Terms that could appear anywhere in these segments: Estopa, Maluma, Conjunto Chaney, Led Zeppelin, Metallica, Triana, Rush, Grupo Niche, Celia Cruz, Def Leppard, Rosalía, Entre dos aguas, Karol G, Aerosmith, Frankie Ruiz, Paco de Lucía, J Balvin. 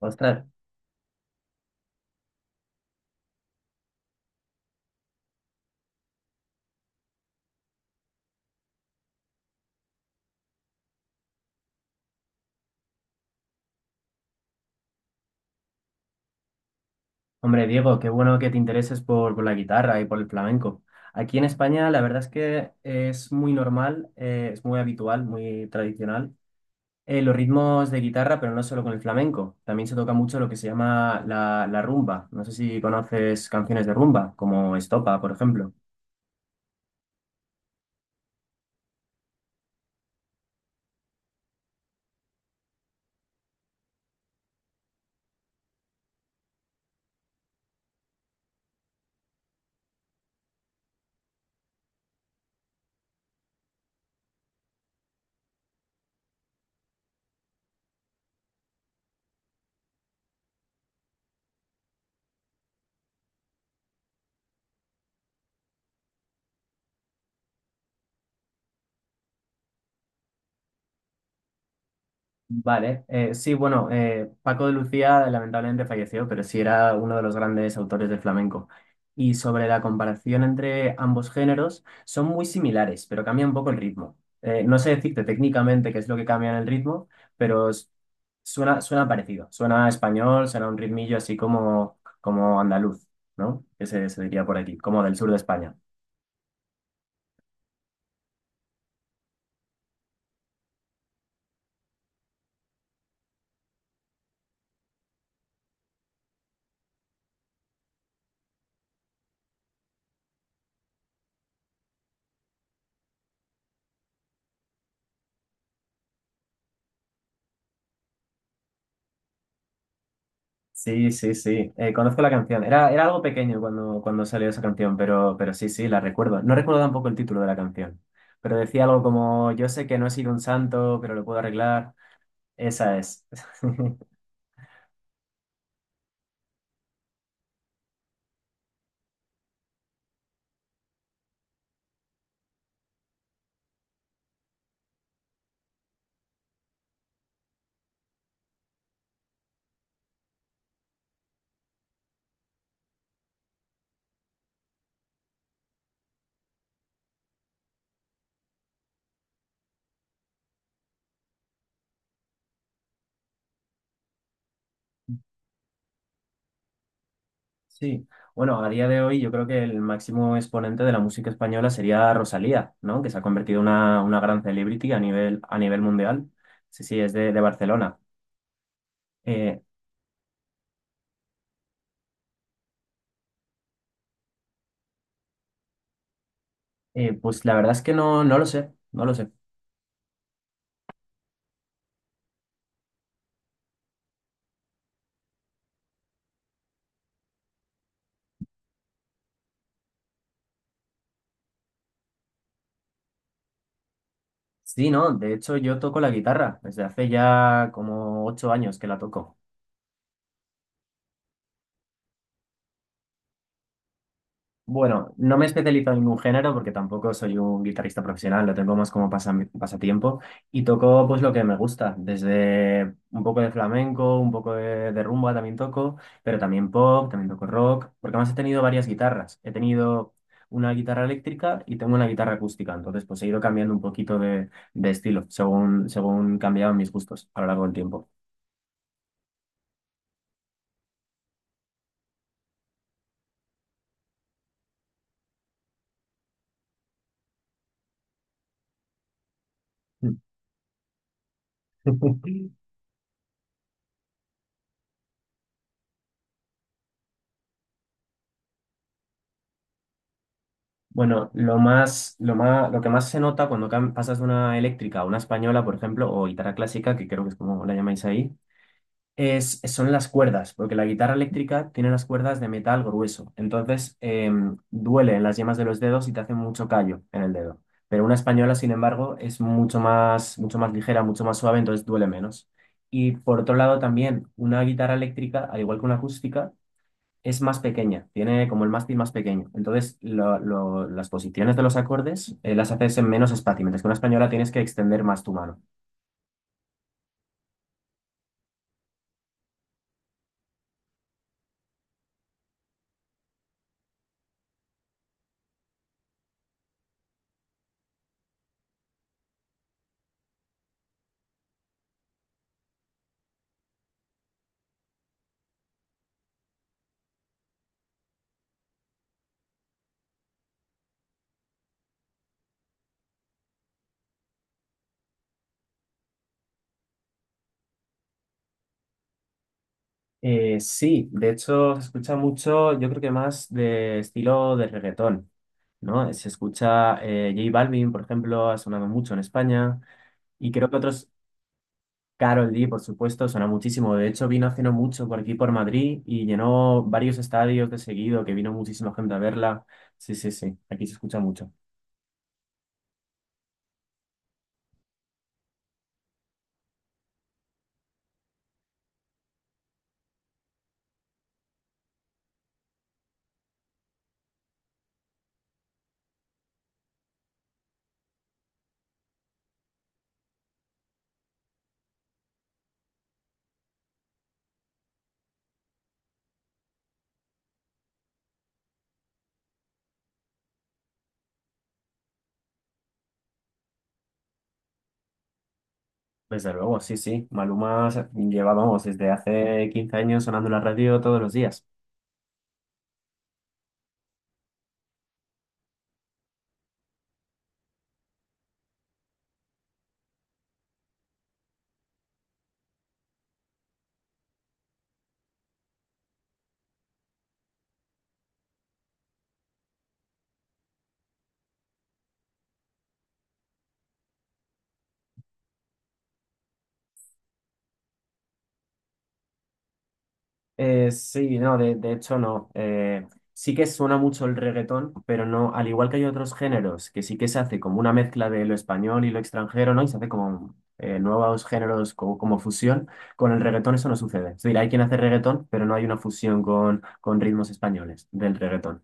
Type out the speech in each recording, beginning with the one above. Ostras, hombre Diego, qué bueno que te intereses por la guitarra y por el flamenco. Aquí en España la verdad es que es muy normal, es muy habitual, muy tradicional los ritmos de guitarra, pero no solo con el flamenco. También se toca mucho lo que se llama la rumba. No sé si conoces canciones de rumba, como Estopa, por ejemplo. Vale, sí, bueno, Paco de Lucía lamentablemente falleció, pero sí era uno de los grandes autores de flamenco. Y sobre la comparación entre ambos géneros, son muy similares, pero cambia un poco el ritmo. No sé decirte técnicamente qué es lo que cambia en el ritmo, pero suena parecido. Suena a español, suena a un ritmillo así como andaluz, ¿no? Que se diría por aquí, como del sur de España. Sí, sí, sí. Conozco la canción. Era algo pequeño cuando salió esa canción, pero sí, sí, la recuerdo. No recuerdo tampoco el título de la canción, pero decía algo como, yo sé que no he sido un santo, pero lo puedo arreglar. Esa es. Sí. Bueno, a día de hoy yo creo que el máximo exponente de la música española sería Rosalía, ¿no? Que se ha convertido en una gran celebrity a nivel mundial. Sí, sí, es de Barcelona. Eh, pues la verdad es que no, no lo sé, no lo sé. Sí, no, de hecho yo toco la guitarra desde hace ya como 8 años que la toco. Bueno, no me especializo en ningún género porque tampoco soy un guitarrista profesional, lo tengo más como pasatiempo y toco pues lo que me gusta, desde un poco de flamenco, un poco de rumba también toco, pero también pop, también toco rock, porque además he tenido varias guitarras. He tenido una guitarra eléctrica y tengo una guitarra acústica, entonces pues he ido cambiando un poquito de estilo según cambiaban mis gustos a lo largo del tiempo. Bueno, lo que más se nota cuando pasas de una eléctrica a una española, por ejemplo, o guitarra clásica, que creo que es como la llamáis ahí, son las cuerdas, porque la guitarra eléctrica tiene las cuerdas de metal grueso, entonces duele en las yemas de los dedos y te hace mucho callo en el dedo. Pero una española, sin embargo, es mucho más ligera, mucho más suave, entonces duele menos. Y por otro lado, también una guitarra eléctrica, al igual que una acústica, es más pequeña, tiene como el mástil más pequeño. Entonces, las posiciones de los acordes las haces en menos espacio, mientras que una española tienes que extender más tu mano. Sí, de hecho, se escucha mucho, yo creo que más de estilo de reggaetón, ¿no? Se escucha J Balvin, por ejemplo, ha sonado mucho en España, y creo que otros, Karol G, por supuesto, suena muchísimo. De hecho, vino hace no mucho por aquí, por Madrid, y llenó varios estadios de seguido, que vino muchísima gente a verla. Sí, sí, sí, aquí se escucha mucho. Desde luego, sí, sí. Maluma lleva, vamos, desde hace 15 años sonando en la radio todos los días. Sí, no, de hecho no. Sí que suena mucho el reggaetón, pero no, al igual que hay otros géneros, que sí que se hace como una mezcla de lo español y lo extranjero, ¿no? Y se hace como nuevos géneros como, fusión. Con el reggaetón eso no sucede. Es decir, hay quien hace reggaetón, pero no hay una fusión con ritmos españoles del reggaetón.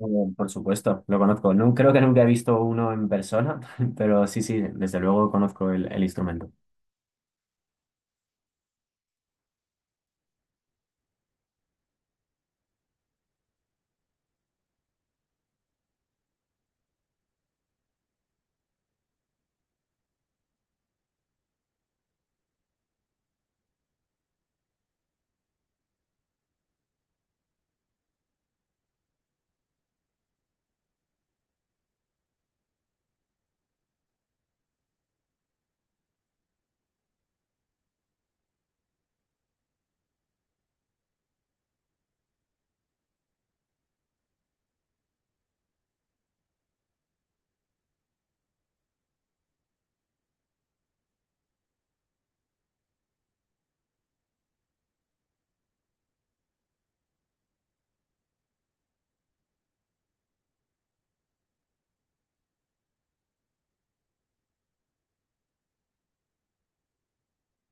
Eh, Por supuesto, lo conozco. No, creo que nunca he visto uno en persona, pero sí, sí, desde luego conozco el instrumento.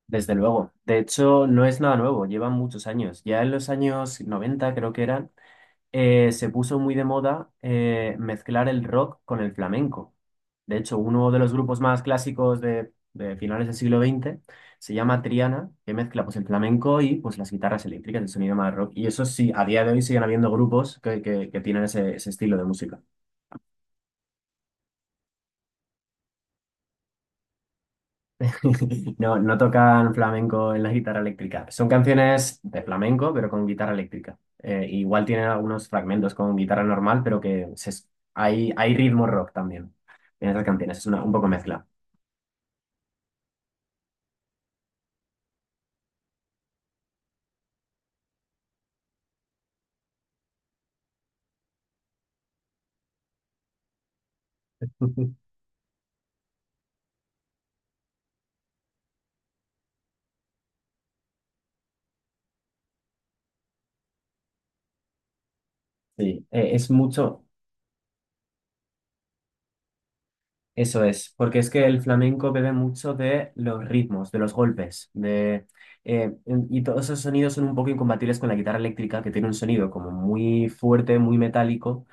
Desde luego. De hecho, no es nada nuevo, llevan muchos años. Ya en los años 90 creo que eran, se puso muy de moda mezclar el rock con el flamenco. De hecho, uno de los grupos más clásicos de finales del siglo XX se llama Triana, que mezcla pues, el flamenco y pues, las guitarras eléctricas, el sonido más rock. Y eso sí, a día de hoy siguen habiendo grupos que tienen ese estilo de música. No, no tocan flamenco en la guitarra eléctrica. Son canciones de flamenco, pero con guitarra eléctrica. Igual tienen algunos fragmentos con guitarra normal, pero que hay ritmo rock también en esas canciones. Es una, un poco mezcla. Sí, es mucho, eso es, porque es que el flamenco bebe mucho de los ritmos, de los golpes, de, y todos esos sonidos son un poco incompatibles con la guitarra eléctrica, que tiene un sonido como muy fuerte, muy metálico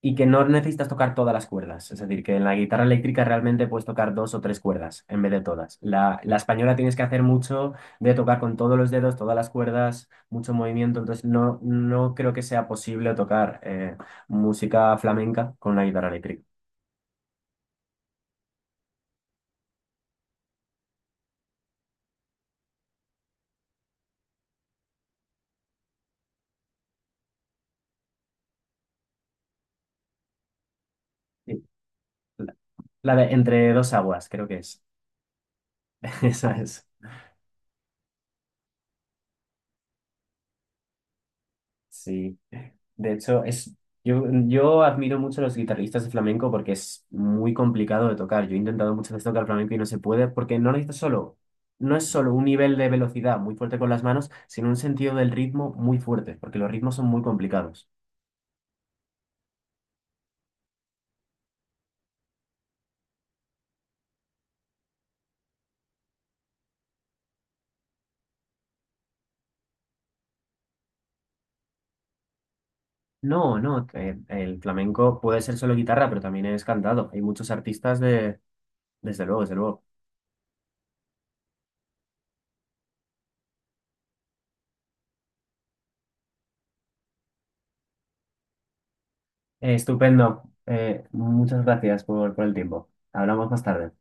y que no necesitas tocar todas las cuerdas. Es decir, que en la guitarra eléctrica realmente puedes tocar dos o tres cuerdas en vez de todas. La española tienes que hacer mucho de tocar con todos los dedos, todas las cuerdas, mucho movimiento. Entonces no, no creo que sea posible tocar música flamenca con una guitarra eléctrica. Sí, La la de Entre dos aguas, creo que es. Esa es. Sí, de hecho, yo admiro mucho a los guitarristas de flamenco porque es muy complicado de tocar. Yo he intentado muchas veces tocar flamenco y no se puede porque no necesitas solo, no es solo un nivel de velocidad muy fuerte con las manos, sino un sentido del ritmo muy fuerte, porque los ritmos son muy complicados. No, no, el flamenco puede ser solo guitarra, pero también es cantado. Hay muchos artistas de, desde luego, desde luego. Estupendo. Muchas gracias por el tiempo. Hablamos más tarde.